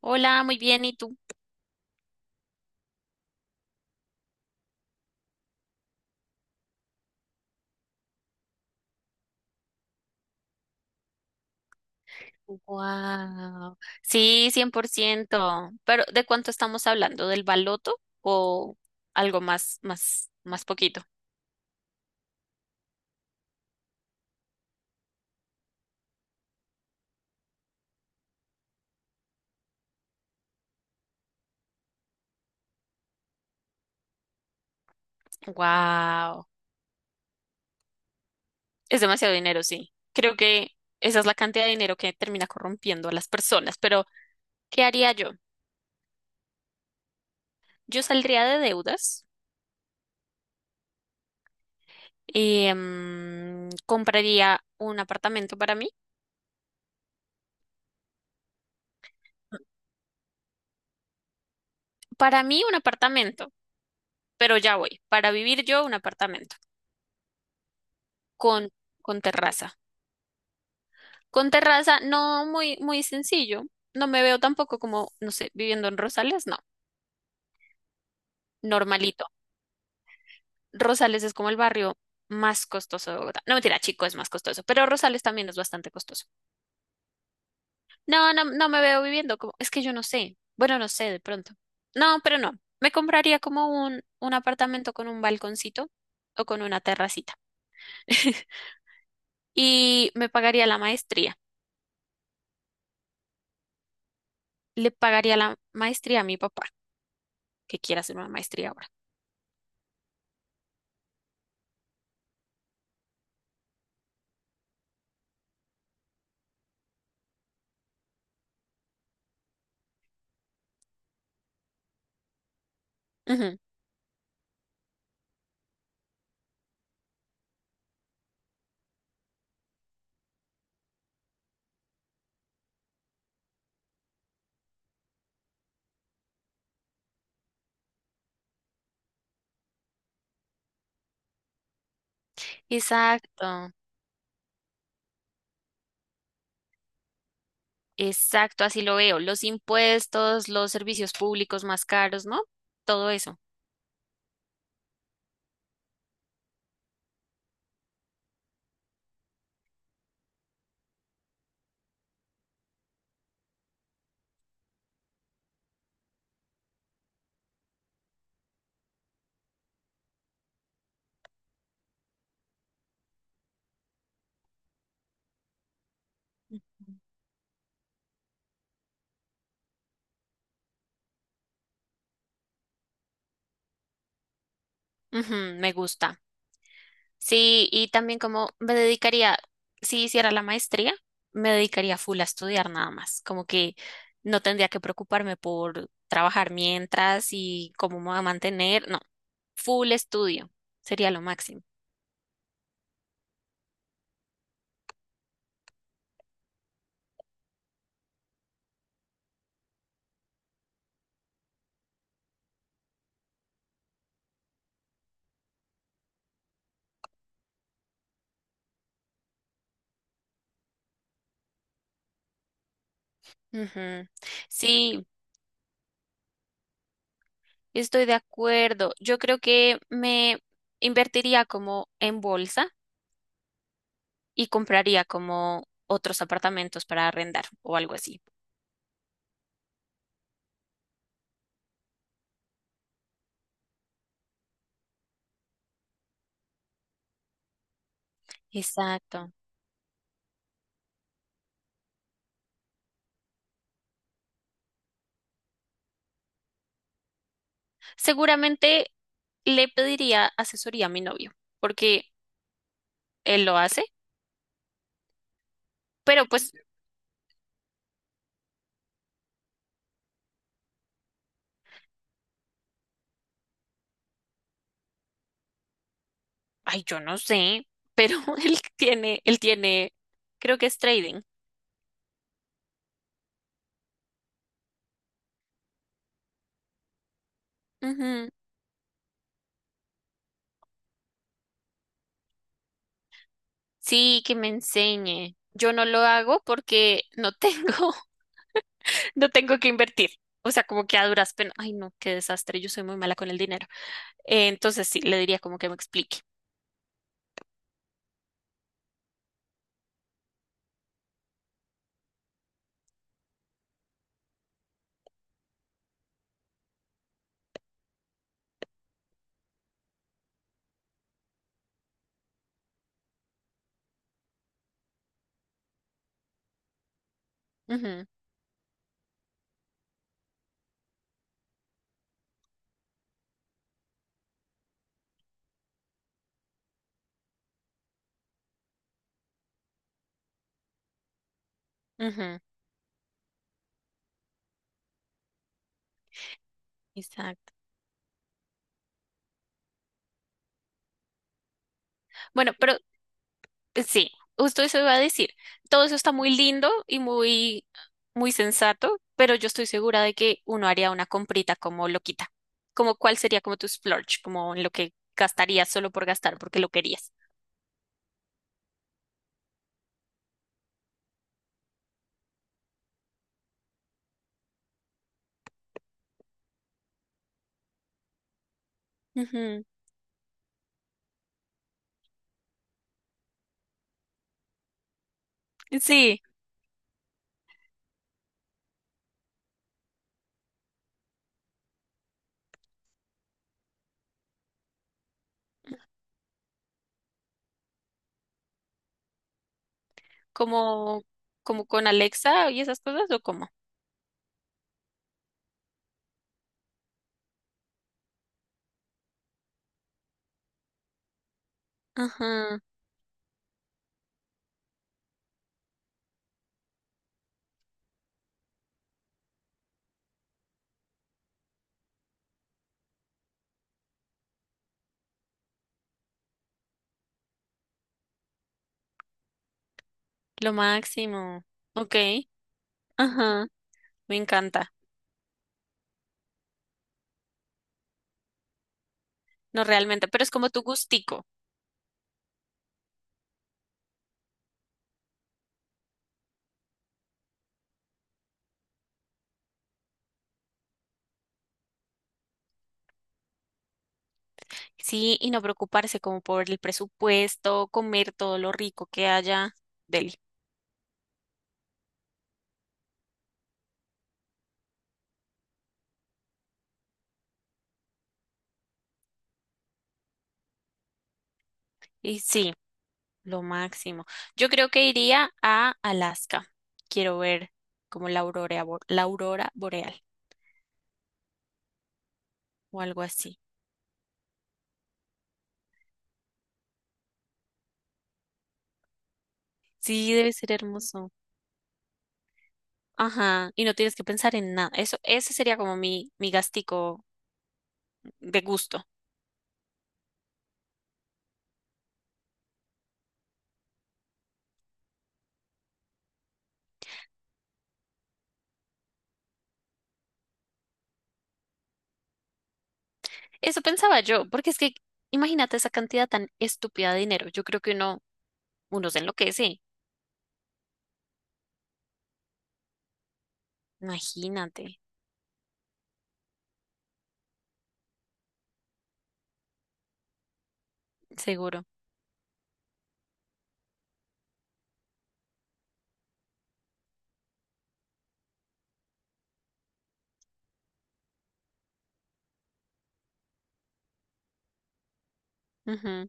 Hola, muy bien, ¿y tú? Wow. Sí, 100%. Pero ¿de cuánto estamos hablando? ¿Del baloto o algo más poquito? Wow. Es demasiado dinero, sí. Creo que esa es la cantidad de dinero que termina corrompiendo a las personas, pero ¿qué haría yo? Yo saldría de deudas y compraría un apartamento para mí. Para mí un apartamento, pero ya voy. Para vivir yo un apartamento con con terraza. Con terraza, no muy sencillo. No me veo tampoco como, no sé, viviendo en Rosales, no, normalito. Rosales es como el barrio más costoso de Bogotá. No, mentira, Chico es más costoso, pero Rosales también es bastante costoso. No, no, no me veo viviendo como, es que yo no sé. Bueno, no sé, de pronto. No, pero no. Me compraría como un apartamento con un balconcito o con una terracita. Y me pagaría la maestría. Le pagaría la maestría a mi papá, que quiera hacer una maestría ahora. Ujú. Exacto. Exacto, así lo veo. Los impuestos, los servicios públicos más caros, ¿no? Todo eso. Ujú, me gusta. Sí, y también como me dedicaría, si hiciera la maestría, me dedicaría full a estudiar nada más. Como que no tendría que preocuparme por trabajar mientras y cómo me voy a mantener. No, full estudio sería lo máximo. Ujú. Sí, estoy de acuerdo. Yo creo que me invertiría como en bolsa y compraría como otros apartamentos para arrendar o algo así. Exacto. Seguramente le pediría asesoría a mi novio, porque él lo hace, pero pues, ay, yo no sé, pero él tiene, creo que es trading. Ujú. Sí, que me enseñe. Yo no lo hago porque no tengo, no tengo que invertir. O sea, como que a duras penas. Ay, no, qué desastre. Yo soy muy mala con el dinero. Entonces sí, le diría como que me explique. Ujú, ujú, exacto. Bueno, pero sí, justo eso iba a decir. Todo eso está muy lindo y muy sensato, pero yo estoy segura de que uno haría una comprita como loquita. Como cuál sería como tu splurge, como en lo que gastarías solo por gastar, porque lo querías. Ujú, sí. ¿Como, como con Alexa y esas cosas o cómo? Ajá, lo máximo. Ok, ajá, me encanta. No realmente, pero es como tu gustico. Sí, y no preocuparse como por el presupuesto, comer todo lo rico que haya. Deli. Y sí, lo máximo. Yo creo que iría a Alaska. Quiero ver como la aurora, la aurora boreal o algo así. Sí, debe ser hermoso. Ajá, y no tienes que pensar en nada. Eso, ese sería como mi gastico de gusto. Eso pensaba yo, porque es que imagínate esa cantidad tan estúpida de dinero. Yo creo que uno se enloquece. Imagínate, seguro. Ujú.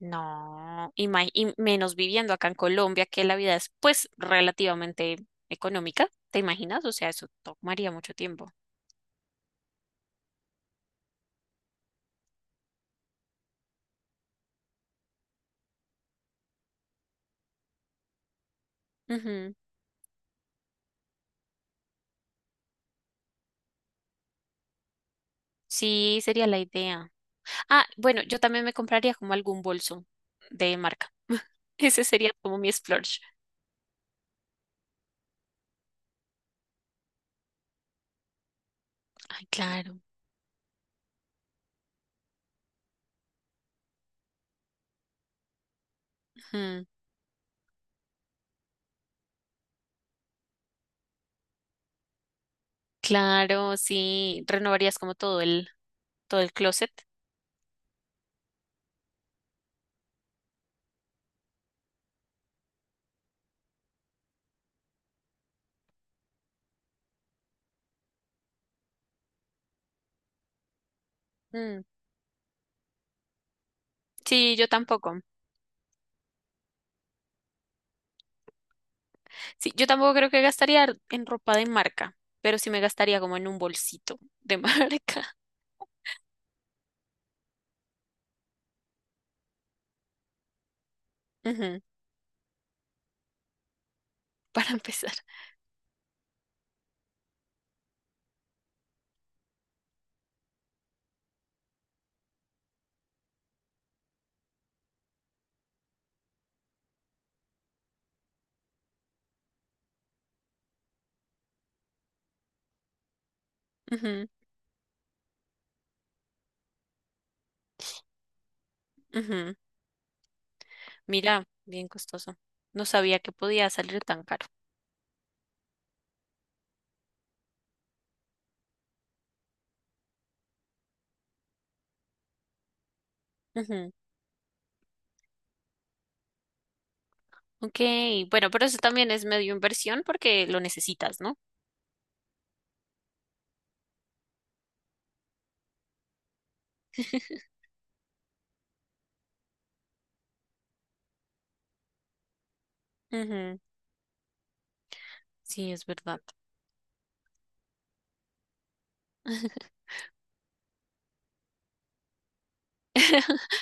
No, y menos viviendo acá en Colombia, que la vida es pues relativamente económica, ¿te imaginas? O sea, eso tomaría mucho tiempo. Ujú. Sí, sería la idea. Ah, bueno, yo también me compraría como algún bolso de marca. Ese sería como mi splurge. Ay, claro. Ujú. Claro, sí, renovarías como todo todo el closet. Mm, sí, yo tampoco. Sí, yo tampoco creo que gastaría en ropa de marca, pero sí me gastaría como en un bolsito de marca. Ujú, para empezar. Ujú, ujú. Mira, bien costoso. No sabía que podía salir tan caro. Ujú. Ok, bueno, pero eso también es medio inversión porque lo necesitas, ¿no? Ujú, sí, es verdad.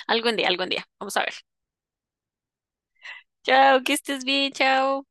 Algún día, algún día. Vamos a ver. Chao, que estés bien, chao.